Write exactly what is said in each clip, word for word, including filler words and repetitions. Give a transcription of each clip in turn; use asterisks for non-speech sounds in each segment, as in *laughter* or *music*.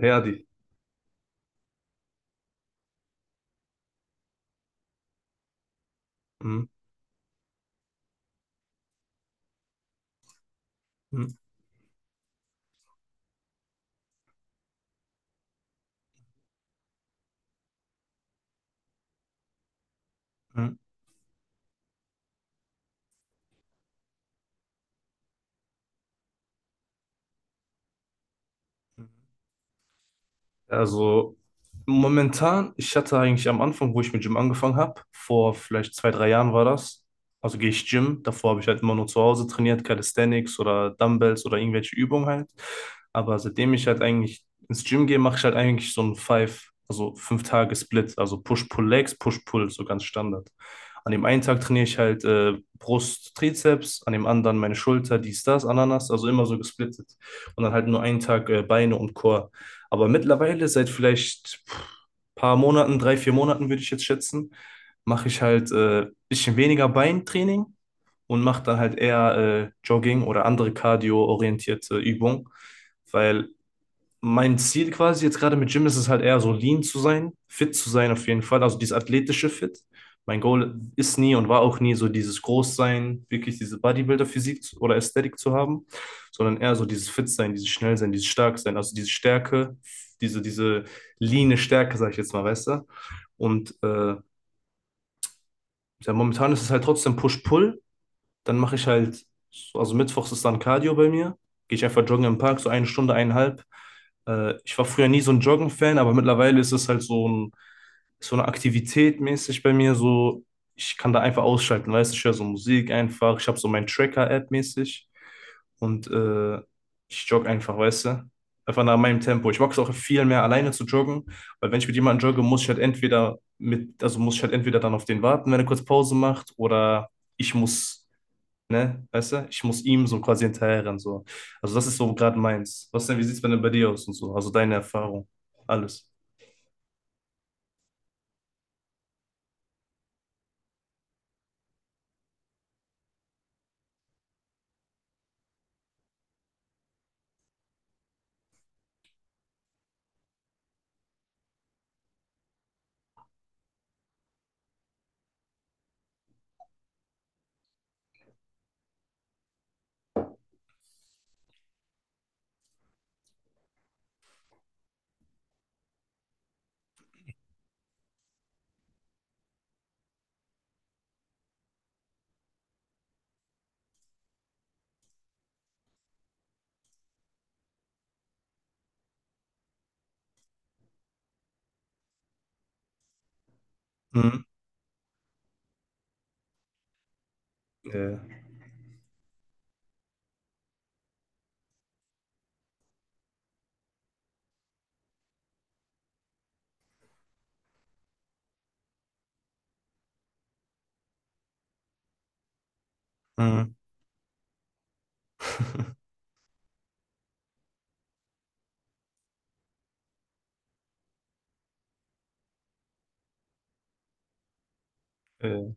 Herdi. Mhm. Mhm. Mhm. Also momentan, ich hatte eigentlich am Anfang, wo ich mit Gym angefangen habe, vor vielleicht zwei, drei Jahren war das, also gehe ich Gym. Davor habe ich halt immer nur zu Hause trainiert, Calisthenics oder Dumbbells oder irgendwelche Übungen halt. Aber seitdem ich halt eigentlich ins Gym gehe, mache ich halt eigentlich so einen Five, also fünf Tage Split, also Push-Pull-Legs, Push-Pull, so ganz Standard. An dem einen Tag trainiere ich halt äh, Brust, Trizeps, an dem anderen meine Schulter, dies, das, Ananas, also immer so gesplittet. Und dann halt nur einen Tag äh, Beine und Core. Aber mittlerweile, seit vielleicht pff, paar Monaten, drei, vier Monaten würde ich jetzt schätzen, mache ich halt äh, bisschen weniger Beintraining und mache dann halt eher äh, Jogging oder andere cardio-orientierte Übungen, weil mein Ziel quasi jetzt gerade mit Gym ist es halt eher so lean zu sein, fit zu sein auf jeden Fall, also dieses athletische Fit. Mein Goal ist nie und war auch nie so dieses Großsein, wirklich diese Bodybuilder-Physik zu- oder Ästhetik zu haben, sondern eher so dieses Fit-Sein, dieses schnell sein, dieses stark sein, also diese Stärke, diese, diese leane Stärke, sag ich jetzt mal, weißt du? Und äh, ja, momentan ist es halt trotzdem Push-Pull, dann mache ich halt, so, also mittwochs ist dann Cardio bei mir. Gehe ich einfach joggen im Park, so eine Stunde, eineinhalb. Äh, ich war früher nie so ein Joggen-Fan, aber mittlerweile ist es halt so ein, so eine Aktivität mäßig bei mir. So, ich kann da einfach ausschalten, weißt du, ich höre so Musik einfach. Ich habe so mein Tracker-App mäßig und äh, ich jogge einfach, weißt du. Einfach nach meinem Tempo. Ich mag es auch viel mehr alleine zu joggen, weil wenn ich mit jemandem jogge, muss ich halt entweder mit, also muss ich halt entweder dann auf den warten, wenn er kurz Pause macht, oder ich muss ne? Weißt du? Ich muss ihm so quasi hinterherrennen, so. Also das ist so gerade meins. Was denn, wie sieht's bei denn bei dir aus und so? Also deine Erfahrung, alles. Mhm. Ja. Mhm. *laughs* Äh,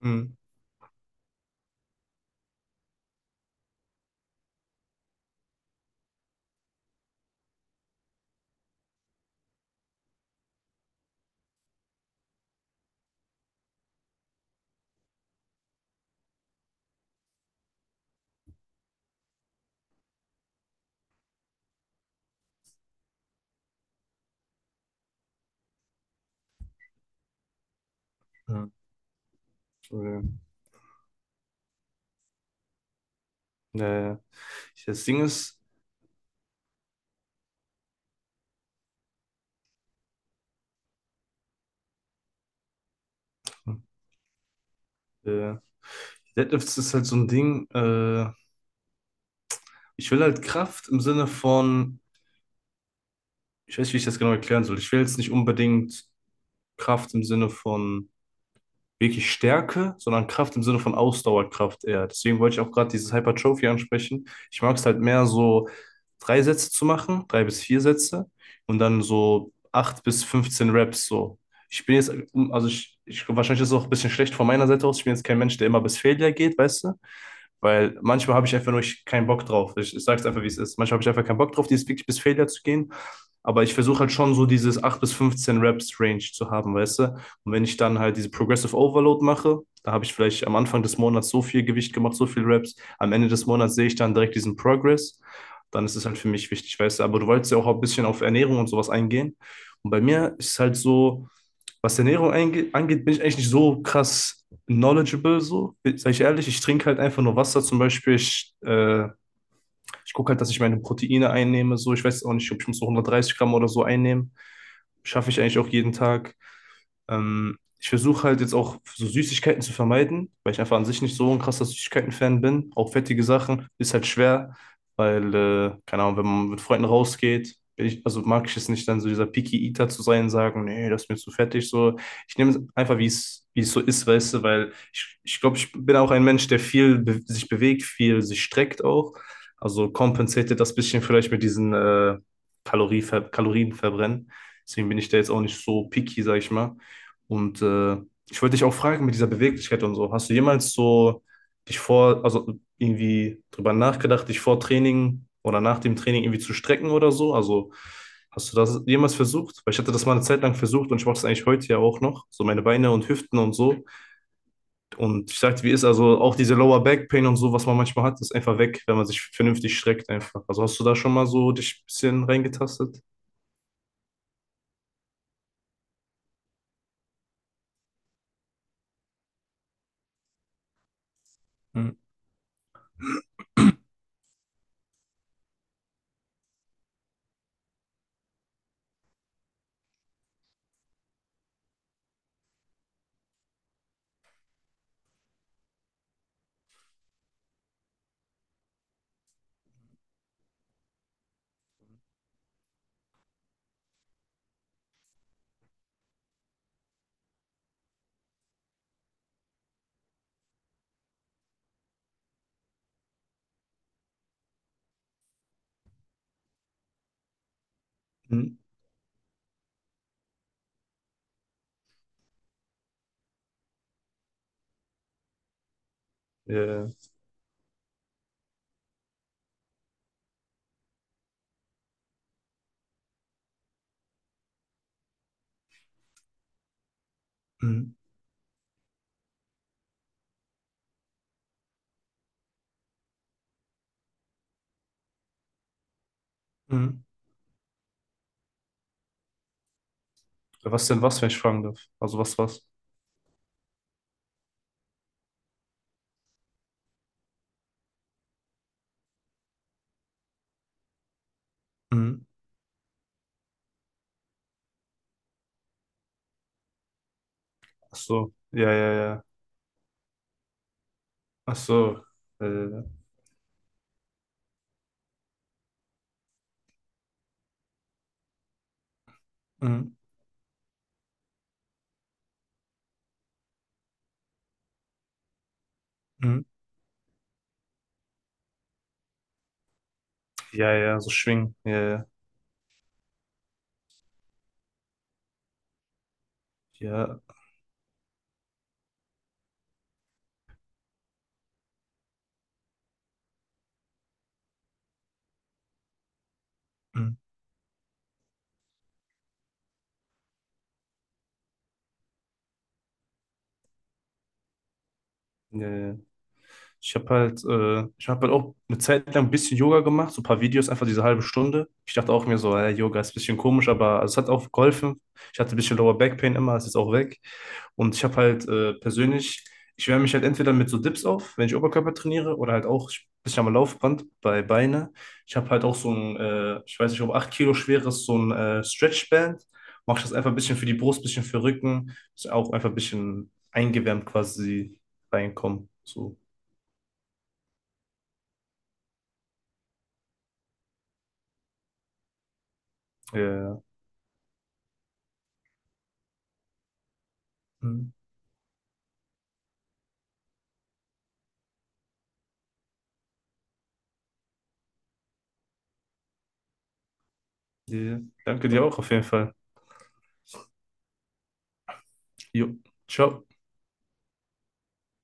mhm. Ja. Entschuldigung. Naja. Das Ding ist, äh, Deadlifts ist halt so ein Ding, äh, ich will halt Kraft im Sinne von, ich weiß nicht, wie ich das genau erklären soll. Ich will jetzt nicht unbedingt Kraft im Sinne von wirklich Stärke, sondern Kraft im Sinne von Ausdauerkraft eher. Deswegen wollte ich auch gerade dieses Hypertrophy ansprechen. Ich mag es halt mehr so drei Sätze zu machen, drei bis vier Sätze und dann so acht bis fünfzehn Reps so. Ich bin jetzt, also ich, ich, wahrscheinlich ist es auch ein bisschen schlecht von meiner Seite aus. Ich bin jetzt kein Mensch, der immer bis Failure geht, weißt du? Weil manchmal habe ich einfach nur ich, keinen Bock drauf. Ich, ich sage es einfach, wie es ist. Manchmal habe ich einfach keinen Bock drauf, dieses wirklich bis Failure zu gehen. Aber ich versuche halt schon so dieses acht bis fünfzehn Reps Range zu haben, weißt du? Und wenn ich dann halt diese Progressive Overload mache, da habe ich vielleicht am Anfang des Monats so viel Gewicht gemacht, so viel Reps. Am Ende des Monats sehe ich dann direkt diesen Progress. Dann ist es halt für mich wichtig, weißt du. Aber du wolltest ja auch ein bisschen auf Ernährung und sowas eingehen. Und bei mir ist es halt so, was Ernährung angeht, bin ich eigentlich nicht so krass knowledgeable, so, sage ich ehrlich. Ich trinke halt einfach nur Wasser zum Beispiel. Ich, äh, ich gucke halt, dass ich meine Proteine einnehme, so. Ich weiß auch nicht, ob ich muss so hundertdreißig Gramm oder so einnehmen. Schaffe ich eigentlich auch jeden Tag. Ähm, ich versuche halt jetzt auch so Süßigkeiten zu vermeiden, weil ich einfach an sich nicht so ein krasser Süßigkeiten-Fan bin. Auch fettige Sachen ist halt schwer, weil, äh, keine Ahnung, wenn man mit Freunden rausgeht, bin ich, also mag ich es nicht, dann so dieser Picky Eater zu sein, sagen, nee, das ist mir zu fettig. So, ich nehme es einfach, wie es, wie es so ist, weißt du, weil ich, ich glaube, ich bin auch ein Mensch, der viel be sich bewegt, viel sich streckt auch. Also kompensiert das bisschen vielleicht mit diesen äh, Kaloriever Kalorienverbrennen. Deswegen bin ich da jetzt auch nicht so picky, sag ich mal. Und äh, Ich wollte dich auch fragen mit dieser Beweglichkeit und so. Hast du jemals so dich vor, also irgendwie drüber nachgedacht, dich vor Training oder nach dem Training irgendwie zu strecken oder so? Also hast du das jemals versucht? Weil ich hatte das mal eine Zeit lang versucht und ich mache das eigentlich heute ja auch noch. So meine Beine und Hüften und so. Und ich sagte, wie ist also auch diese Lower Back Pain und so, was man manchmal hat, ist einfach weg, wenn man sich vernünftig streckt einfach. Also hast du da schon mal so dich ein bisschen reingetastet? Hm. Mhm. Ja. Mhm. Mhm. Was denn was, wenn ich fragen darf? Also was, was? Mhm. Ach so, ja, ja, ja. Ach so, äh, mhm. Mhm. Ja, ja, so schwingen, ja, ja, ja, mhm. Ja, ja. Ich habe halt, äh, ich habe halt auch eine Zeit lang ein bisschen Yoga gemacht, so ein paar Videos, einfach diese halbe Stunde. Ich dachte auch mir so, äh, Yoga ist ein bisschen komisch, aber also es hat auch geholfen. Ich hatte ein bisschen Lower Back Pain immer, es ist auch weg. Und ich habe halt äh, persönlich, ich wärme mich halt entweder mit so Dips auf, wenn ich Oberkörper trainiere, oder halt auch ein bisschen am Laufband bei Beine. Ich habe halt auch so ein, äh, ich weiß nicht, ob acht Kilo schweres, so ein äh, Stretchband. Mache ich das einfach ein bisschen für die Brust, ein bisschen für den Rücken. Ist auch einfach ein bisschen eingewärmt quasi reinkommen. So. Ja. Hm. Ja. Danke dir auch auf jeden Fall. Jo. Ciao.